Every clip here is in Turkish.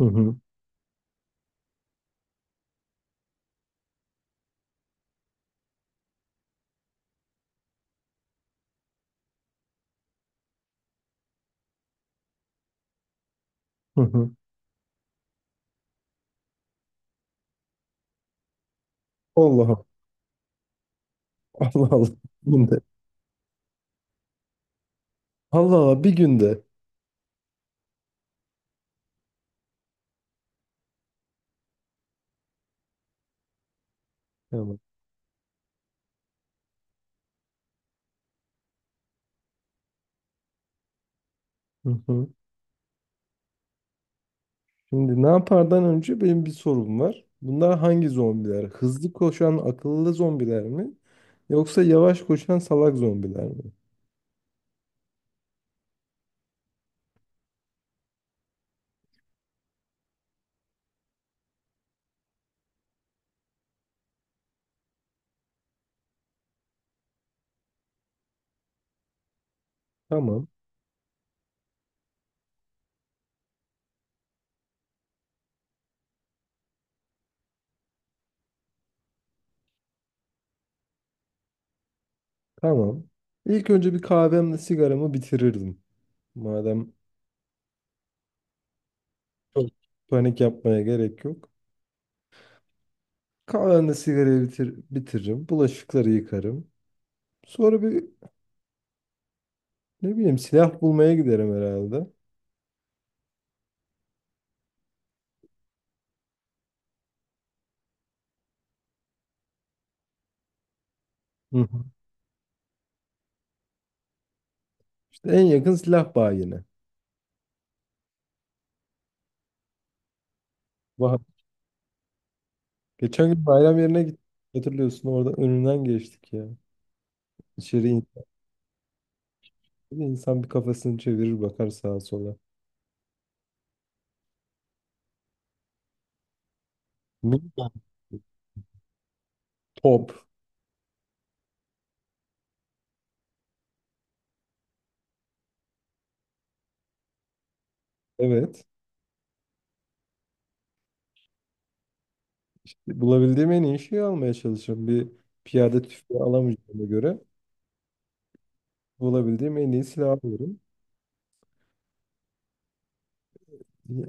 Hı hı. Hı hı. Allah Allah, Allah. Bugün de. Allah Allah, bir günde. Tamam. Hı hı. Şimdi ne yapardan önce benim bir sorum var. Bunlar hangi zombiler? Hızlı koşan akıllı zombiler mi? Yoksa yavaş koşan salak zombiler mi? Tamam. Tamam. İlk önce bir kahvemle sigaramı bitirirdim. Madem çok panik yapmaya gerek yok. Kahvemle sigarayı bitiririm. Bulaşıkları yıkarım. Sonra bir, ne bileyim, silah bulmaya giderim herhalde. Hı hı. En yakın silah bayine. Vah. Geçen gün bayram yerine gittik. Hatırlıyorsun, orada önünden geçtik ya. İçeri in- insan bir kafasını çevirir bakar sağa sola. Minyon, top. Evet. Bulabildiğim en iyi şeyi almaya çalışıyorum. Bir piyade tüfeği alamayacağıma göre bulabildiğim en iyi silahı alıyorum.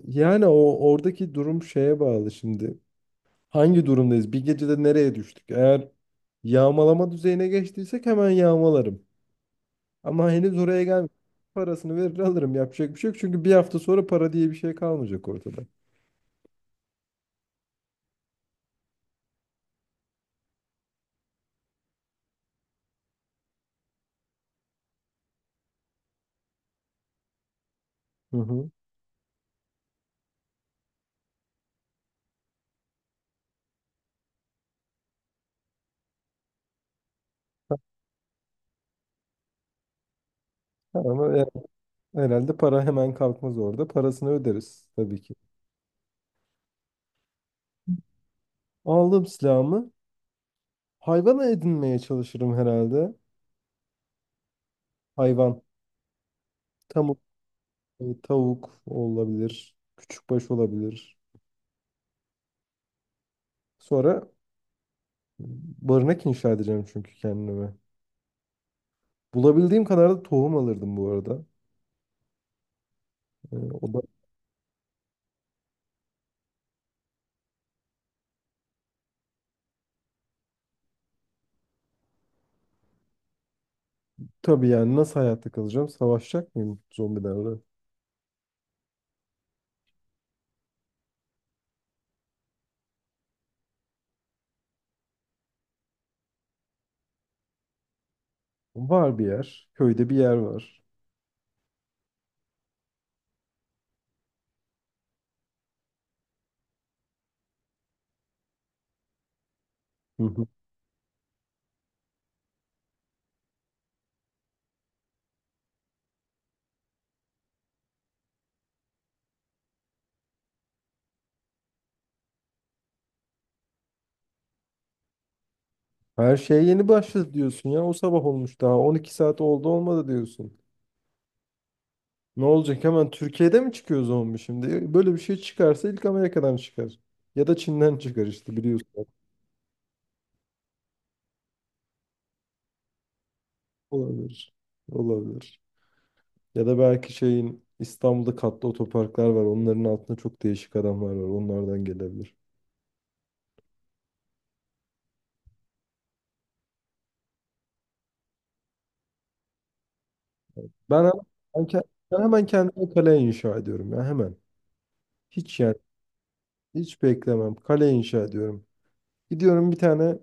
Yani o oradaki durum şeye bağlı şimdi. Hangi durumdayız? Bir gecede nereye düştük? Eğer yağmalama düzeyine geçtiysek hemen yağmalarım. Ama henüz oraya gelmedim. Parasını verir alırım. Yapacak bir şey yok. Çünkü bir hafta sonra para diye bir şey kalmayacak ortada. Hı hı. Ha, ama yani herhalde para hemen kalkmaz orada. Parasını öderiz tabii ki. Aldım silahımı. Hayvan edinmeye çalışırım herhalde. Hayvan. Tavuk, tavuk olabilir. Küçükbaş olabilir. Sonra barınak inşa edeceğim çünkü kendime. Bulabildiğim kadar da tohum alırdım bu arada. Ee, O da tabii, yani nasıl hayatta kalacağım? Savaşacak mıyım zombilerle? Var bir yer. Köyde bir yer var. Hı hı. Her şeye yeni başladı diyorsun ya. O sabah olmuş daha. 12 saat oldu olmadı diyorsun. Ne olacak, hemen Türkiye'de mi çıkıyor zombi şimdi? Böyle bir şey çıkarsa ilk Amerika'dan çıkar. Ya da Çin'den çıkar işte, biliyorsun. Olabilir. Olabilir. Ya da belki şeyin, İstanbul'da katlı otoparklar var. Onların altında çok değişik adamlar var. Onlardan gelebilir. Ben, ben, ke- Ben hemen kendime kale inşa ediyorum ya, hemen. Hiç yani, hiç beklemem. Kale inşa ediyorum. Gidiyorum bir tane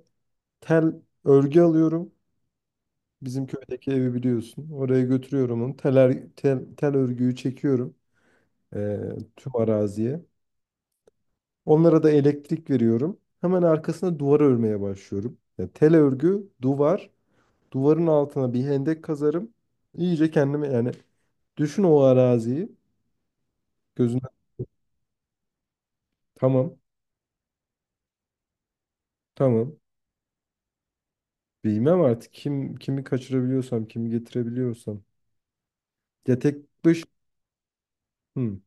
tel örgü alıyorum. Bizim köydeki evi biliyorsun. Oraya götürüyorum onu. Tel örgüyü çekiyorum tüm araziye. Onlara da elektrik veriyorum. Hemen arkasına duvar örmeye başlıyorum. Yani tel örgü, duvar. Duvarın altına bir hendek kazarım. İyice kendimi yani, düşün o araziyi. Gözünden tamam, tamam. Bilmem artık, kim kimi kaçırabiliyorsam, kimi getirebiliyorsam. Ya tek dış. Hı,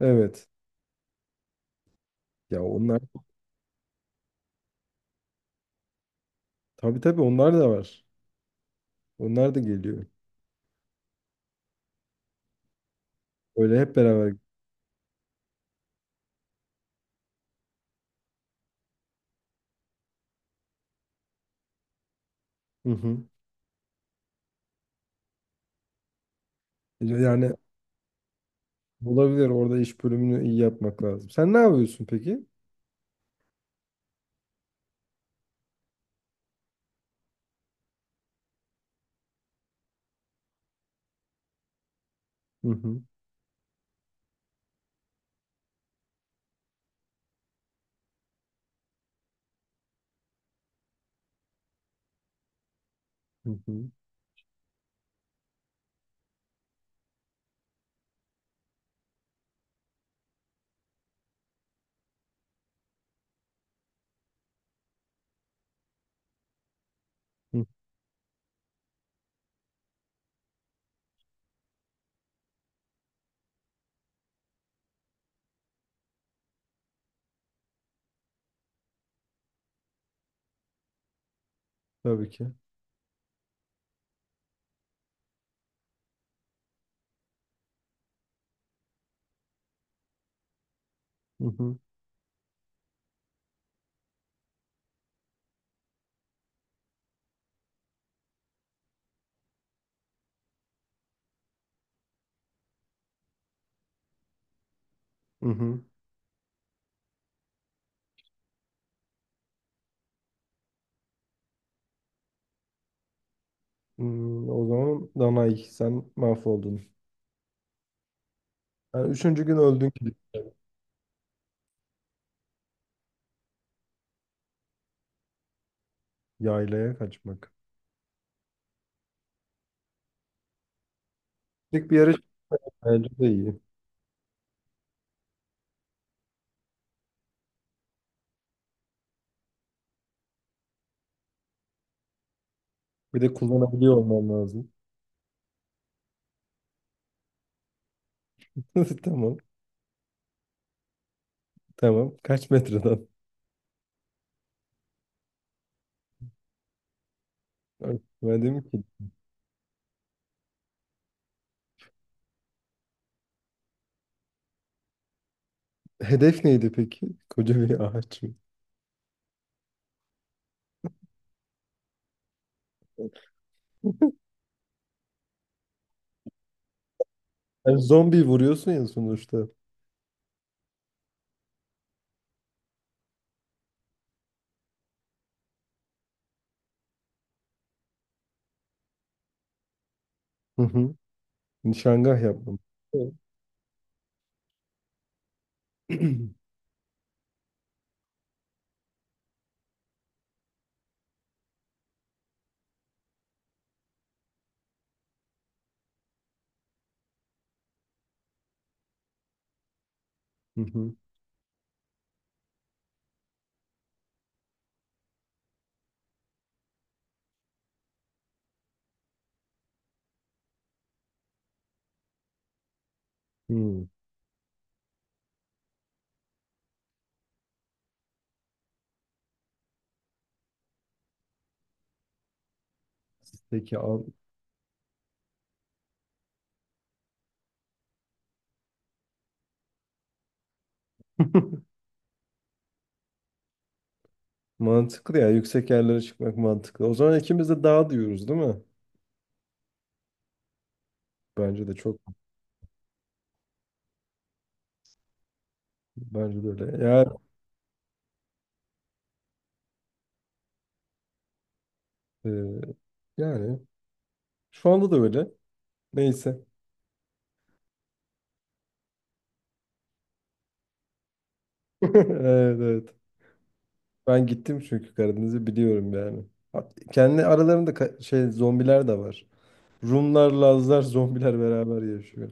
evet. Ya onlar, tabii tabii onlar da var. Onlar da geliyor. Öyle hep beraber. Hı hı. Yani olabilir, orada iş bölümünü iyi yapmak lazım. Sen ne yapıyorsun peki? Hı hı. Hı hı. Hı. Tabii ki. Hı hı. Hı hı. Hmm, o zaman Danay sen mahvoldun. Yani üçüncü gün öldün ki yaylaya kaçmak. Tek bir yarış, bence de iyi. Bir de kullanabiliyor olman lazım. Tamam. Tamam. Kaç metreden? Ben dedim ki hedef neydi peki? Koca bir ağaç. Yani zombi vuruyorsun ya sonuçta. Hı hı. Nişangah yaptım. Evet. Hı hı. Hmm. Peki abi. Mantıklı ya. Yüksek yerlere çıkmak mantıklı. O zaman ikimiz de dağ diyoruz, değil mi? Bence de çok. Bence de öyle. Ya, e, yani şu anda da öyle. Neyse. Evet, evet. Ben gittim çünkü Karadeniz'i biliyorum yani. Kendi aralarında şey, zombiler de var. Rumlar, Lazlar, zombiler beraber yaşıyor.